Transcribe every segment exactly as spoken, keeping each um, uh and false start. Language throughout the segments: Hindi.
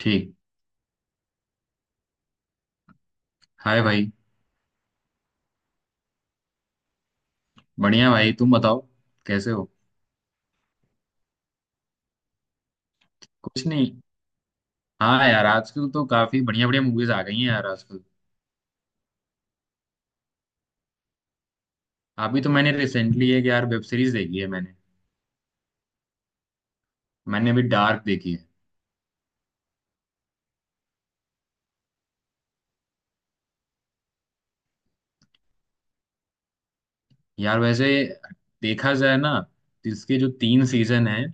ठीक। हाय भाई। बढ़िया भाई, तुम बताओ कैसे हो। कुछ नहीं। हाँ यार, आजकल तो काफी बढ़िया बढ़िया मूवीज आ गई हैं यार आजकल। अभी तो मैंने रिसेंटली एक यार वेब सीरीज देखी है मैंने मैंने अभी डार्क देखी है। यार वैसे देखा जाए ना तो इसके जो तीन सीजन हैं।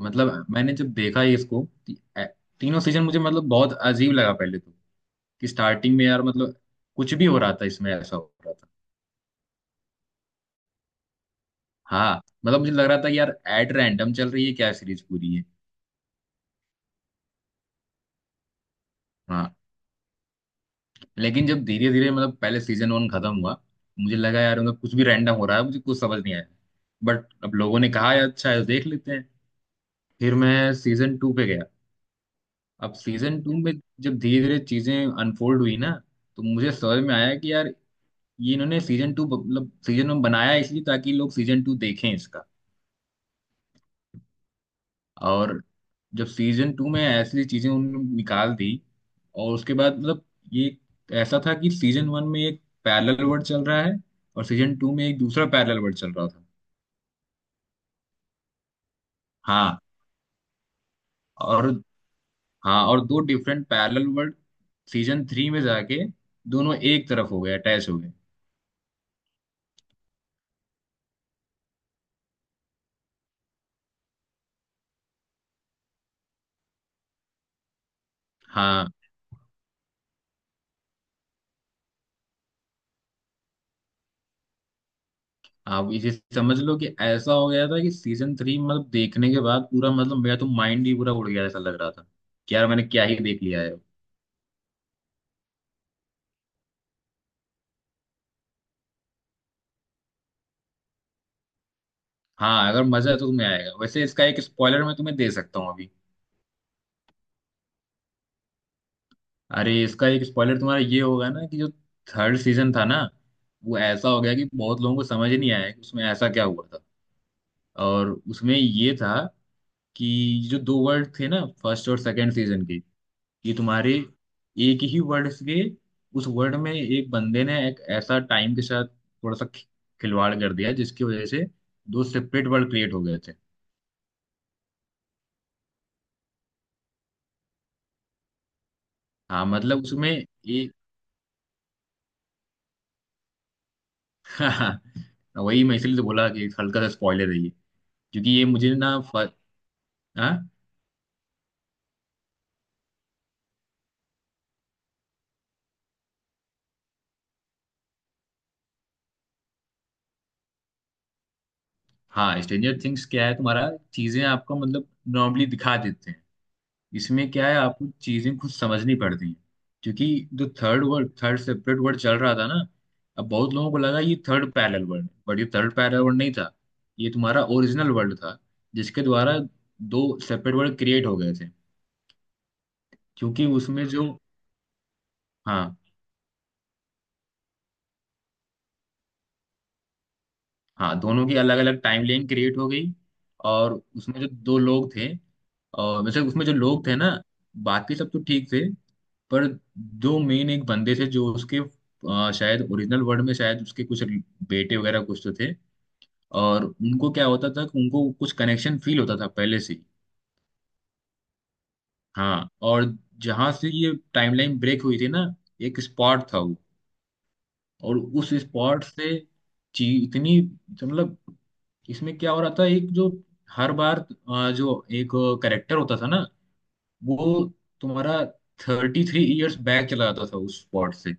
मतलब मैंने जब देखा ये इसको ती, ए- तीनों सीजन मुझे मतलब बहुत अजीब लगा पहले तो। कि स्टार्टिंग में यार मतलब कुछ भी हो रहा था इसमें ऐसा हो रहा था। हाँ मतलब मुझे लग रहा था कि यार एट रैंडम चल रही है क्या सीरीज पूरी है। हाँ। लेकिन जब धीरे धीरे मतलब पहले सीजन वन खत्म हुआ, मुझे लगा यार मतलब कुछ भी रैंडम हो रहा है मुझे कुछ समझ नहीं आया। बट अब लोगों ने कहा यार अच्छा है देख लेते हैं। फिर मैं सीजन टू पे गया। अब सीजन टू में जब धीरे धीरे चीजें अनफोल्ड हुई ना, तो मुझे समझ में आया कि यार ये इन्होंने सीजन टू मतलब सीजन वन बनाया इसलिए ताकि लोग सीजन टू देखें इसका। और जब सीजन टू में ऐसी चीजें उन्होंने निकाल दी और उसके बाद मतलब ये ऐसा था कि सीजन वन में एक पैरेलल वर्ल्ड चल रहा है और सीजन टू में एक दूसरा पैरेलल वर्ल्ड चल रहा था। हाँ और हाँ और दो different parallel world season three में जाके दोनों एक तरफ हो गए, अटैच हो गए। हाँ, आप इसे समझ लो कि ऐसा हो गया था कि सीजन थ्री मतलब देखने के बाद पूरा मतलब मेरा तो माइंड ही पूरा उड़ गया, ऐसा लग रहा था कि यार मैंने क्या ही देख लिया है। हाँ अगर मजा है तो तुम्हें आएगा, वैसे इसका एक स्पॉइलर मैं तुम्हें दे सकता हूँ अभी। अरे इसका एक स्पॉइलर तुम्हारा ये होगा ना कि जो थर्ड सीजन था ना वो ऐसा हो गया कि बहुत लोगों को समझ ही नहीं आया कि उसमें ऐसा क्या हुआ था। और उसमें ये था कि जो दो वर्ड थे ना फर्स्ट और सेकंड सीजन के, ये तुम्हारे एक ही वर्ड से, उस वर्ड में एक बंदे ने एक ऐसा टाइम के साथ थोड़ा सा खि- खिलवाड़ कर दिया जिसकी वजह से दो सेपरेट वर्ड क्रिएट हो गए थे। हाँ मतलब उसमें हाँ वही मैं इसलिए तो बोला कि हल्का सा स्पॉइलर है ये, क्योंकि ये मुझे ना फ... हाँ हाँ, स्ट्रेंजर थिंग्स क्या है तुम्हारा चीजें आपको मतलब नॉर्मली दिखा देते हैं। इसमें क्या है आपको चीजें खुद समझनी पड़ती हैं क्योंकि जो third world third separate world चल रहा था ना, अब बहुत लोगों को लगा ये थर्ड पैरेलल वर्ड है बट ये थर्ड पैरेलल वर्ड नहीं था। ये तुम्हारा ओरिजिनल वर्ड था जिसके द्वारा दो सेपरेट वर्ड क्रिएट हो गए थे। क्योंकि उसमें जो हाँ हाँ दोनों की अलग अलग टाइम लाइन क्रिएट हो गई, और उसमें जो दो लोग थे और वैसे उसमें जो लोग थे ना, बाकी सब तो ठीक थे पर दो मेन एक बंदे थे जो उसके अ, शायद ओरिजिनल वर्ड में शायद उसके कुछ बेटे वगैरह कुछ तो थे। और उनको क्या होता था कि उनको कुछ कनेक्शन फील होता था पहले से ही। हाँ और जहाँ से ये टाइमलाइन ब्रेक हुई थी ना, एक स्पॉट था वो, और उस स्पॉट से ची इतनी मतलब इसमें क्या हो रहा था एक जो हर बार अ, जो एक करेक्टर होता था ना, वो तुम्हारा थर्टी थ्री ईयर्स बैक चला जाता था उस स्पॉट से,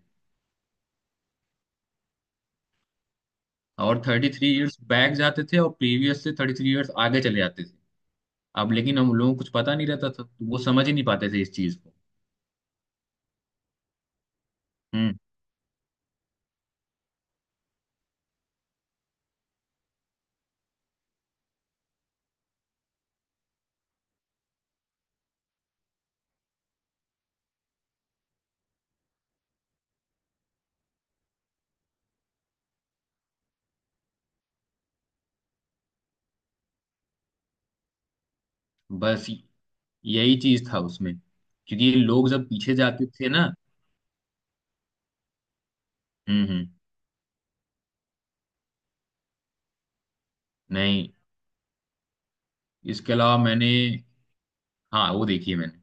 और थर्टी थ्री ईयर्स बैक जाते थे और प्रीवियस से थर्टी थ्री ईयर्स आगे चले जाते थे। अब लेकिन हम लोगों को कुछ पता नहीं रहता था तो वो समझ ही नहीं पाते थे इस चीज को। हम्म बस यही चीज था उसमें क्योंकि ये लोग जब पीछे जाते थे ना। हम्म हम्म। नहीं इसके अलावा मैंने, हाँ वो देखी है मैंने।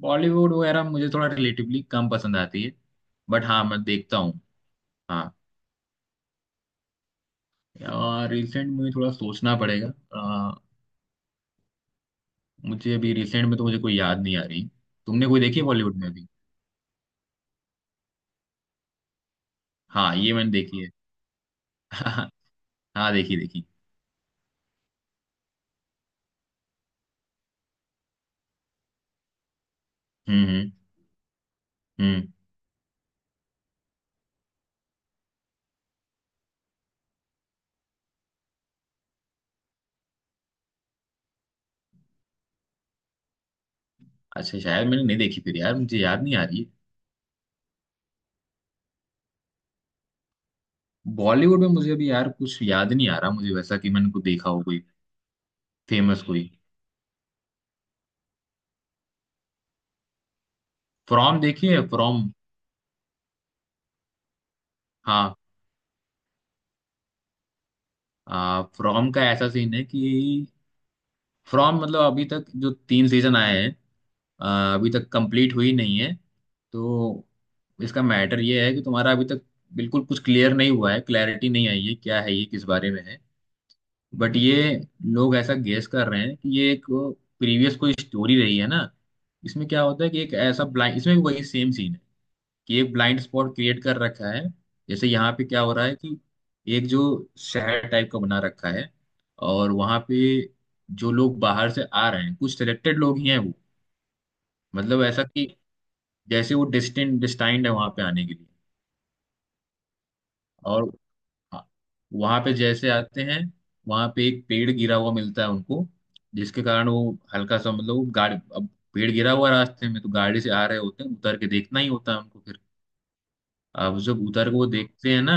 बॉलीवुड वगैरह मुझे थोड़ा रिलेटिवली कम पसंद आती है बट हाँ मैं देखता हूँ। हाँ रिसेंट मुझे थोड़ा सोचना पड़ेगा। अ, मुझे अभी रिसेंट में तो मुझे कोई याद नहीं आ रही। तुमने कोई देखी है बॉलीवुड में अभी। हाँ ये मैंने देखी है। हाँ देखी देखी। हम्म हम्म हम्म। अच्छा शायद मैंने नहीं देखी फिर यार मुझे याद नहीं आ रही है। बॉलीवुड में मुझे अभी यार कुछ याद नहीं आ रहा मुझे वैसा कि मैंने को देखा हो कोई फेमस कोई। फ्रॉम देखी है फ्रॉम। हाँ। आ, फ्रॉम का ऐसा सीन है कि फ्रॉम मतलब अभी तक जो तीन सीजन आए हैं। अ, अभी तक कंप्लीट हुई नहीं है। तो इसका मैटर ये है कि तुम्हारा अभी तक बिल्कुल कुछ क्लियर नहीं हुआ है, क्लैरिटी नहीं आई है क्या है ये किस बारे में है। बट ये लोग ऐसा गेस कर रहे हैं कि ये एक प्रीवियस कोई स्टोरी रही है ना। इसमें क्या होता है कि एक ऐसा ब्लाइंड इसमें भी वही सेम सीन है कि एक ब्लाइंड स्पॉट क्रिएट कर रखा है। जैसे यहाँ पे क्या हो रहा है कि एक जो शहर टाइप का बना रखा है, और वहाँ पे जो लोग बाहर से आ रहे हैं कुछ सिलेक्टेड लोग ही हैं वो। मतलब ऐसा कि जैसे वो डेस्टिन डिस्टाइंड है वहाँ पे आने के लिए, और हाँ, वहाँ पे जैसे आते हैं वहाँ पे एक पेड़ गिरा हुआ मिलता है उनको, जिसके कारण वो हल्का सा मतलब वो गाड़ी अब पेड़ गिरा हुआ रास्ते में तो गाड़ी से आ रहे होते हैं, उतर के देखना ही होता है उनको फिर। अब जब उतर के वो देखते हैं ना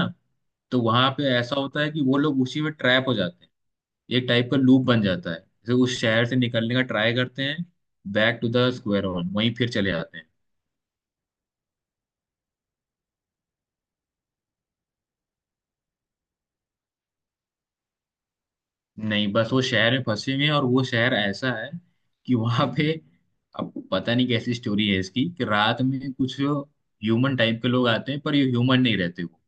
तो वहां पे ऐसा होता है कि वो लोग उसी में ट्रैप हो जाते हैं। एक टाइप का लूप बन जाता है, जैसे उस शहर से निकलने का ट्राई करते हैं, back to the square one वहीं फिर चले जाते हैं। नहीं बस वो शहर में फंसे हुए हैं, और वो शहर ऐसा है कि वहां पे अब पता नहीं कैसी स्टोरी है इसकी कि रात में कुछ ह्यूमन टाइप के लोग आते हैं पर ये ह्यूमन नहीं रहते वो।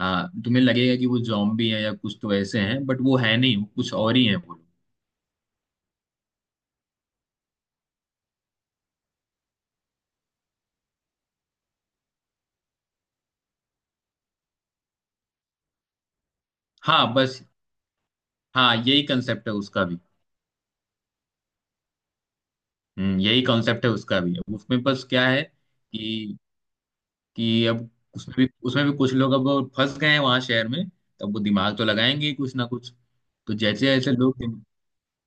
हाँ तुम्हें लगेगा कि वो जॉम्बी हैं या कुछ तो ऐसे हैं बट वो है नहीं, वो कुछ और ही है वो लोग। हाँ बस हाँ यही कंसेप्ट है उसका भी। हम्म, यही कॉन्सेप्ट है उसका भी, अब उसमें बस क्या है कि कि अब उसमें भी उसमें भी कुछ लोग अब फंस गए हैं वहां शहर में, तब वो दिमाग तो लगाएंगे ही कुछ ना कुछ। तो जैसे जैसे लोग दिम-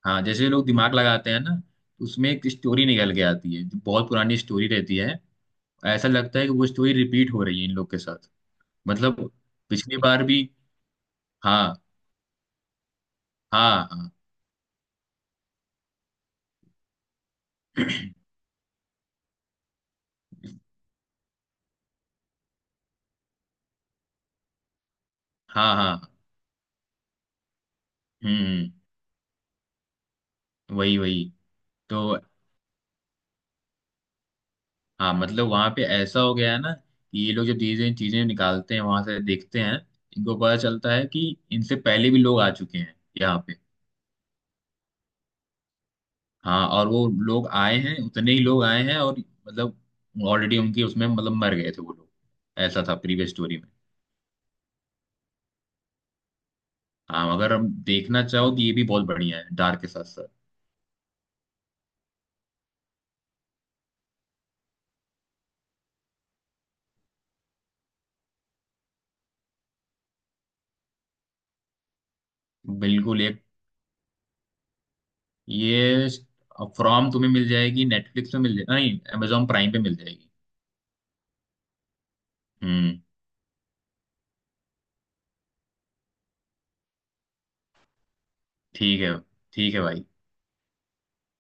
हाँ जैसे लोग दिमाग लगाते हैं ना, तो उसमें एक स्टोरी निकल के आती है जो बहुत पुरानी स्टोरी रहती है। ऐसा लगता है कि वो स्टोरी रिपीट हो रही है इन लोग के साथ मतलब पिछली बार भी। हाँ हाँ हाँ हाँ हाँ। हम्म वही वही। तो हाँ मतलब वहां पे ऐसा हो गया है ना कि ये लोग जो चीजें चीजें निकालते हैं वहां से देखते हैं इनको पता चलता है कि इनसे पहले भी लोग आ चुके हैं यहाँ पे। हाँ और वो लोग आए हैं उतने ही लोग आए हैं, और मतलब ऑलरेडी उनकी उसमें मतलब मर गए थे वो लोग, ऐसा था प्रीवियस स्टोरी में। हाँ अगर हम देखना चाहो तो ये भी बहुत बढ़िया है डार्क के साथ साथ। बिल्कुल एक ये फ्रॉम तुम्हें मिल जाएगी नेटफ्लिक्स पे मिल जाएगी, नहीं अमेजोन प्राइम पे मिल जाएगी। हम्म। ठीक है ठीक है भाई।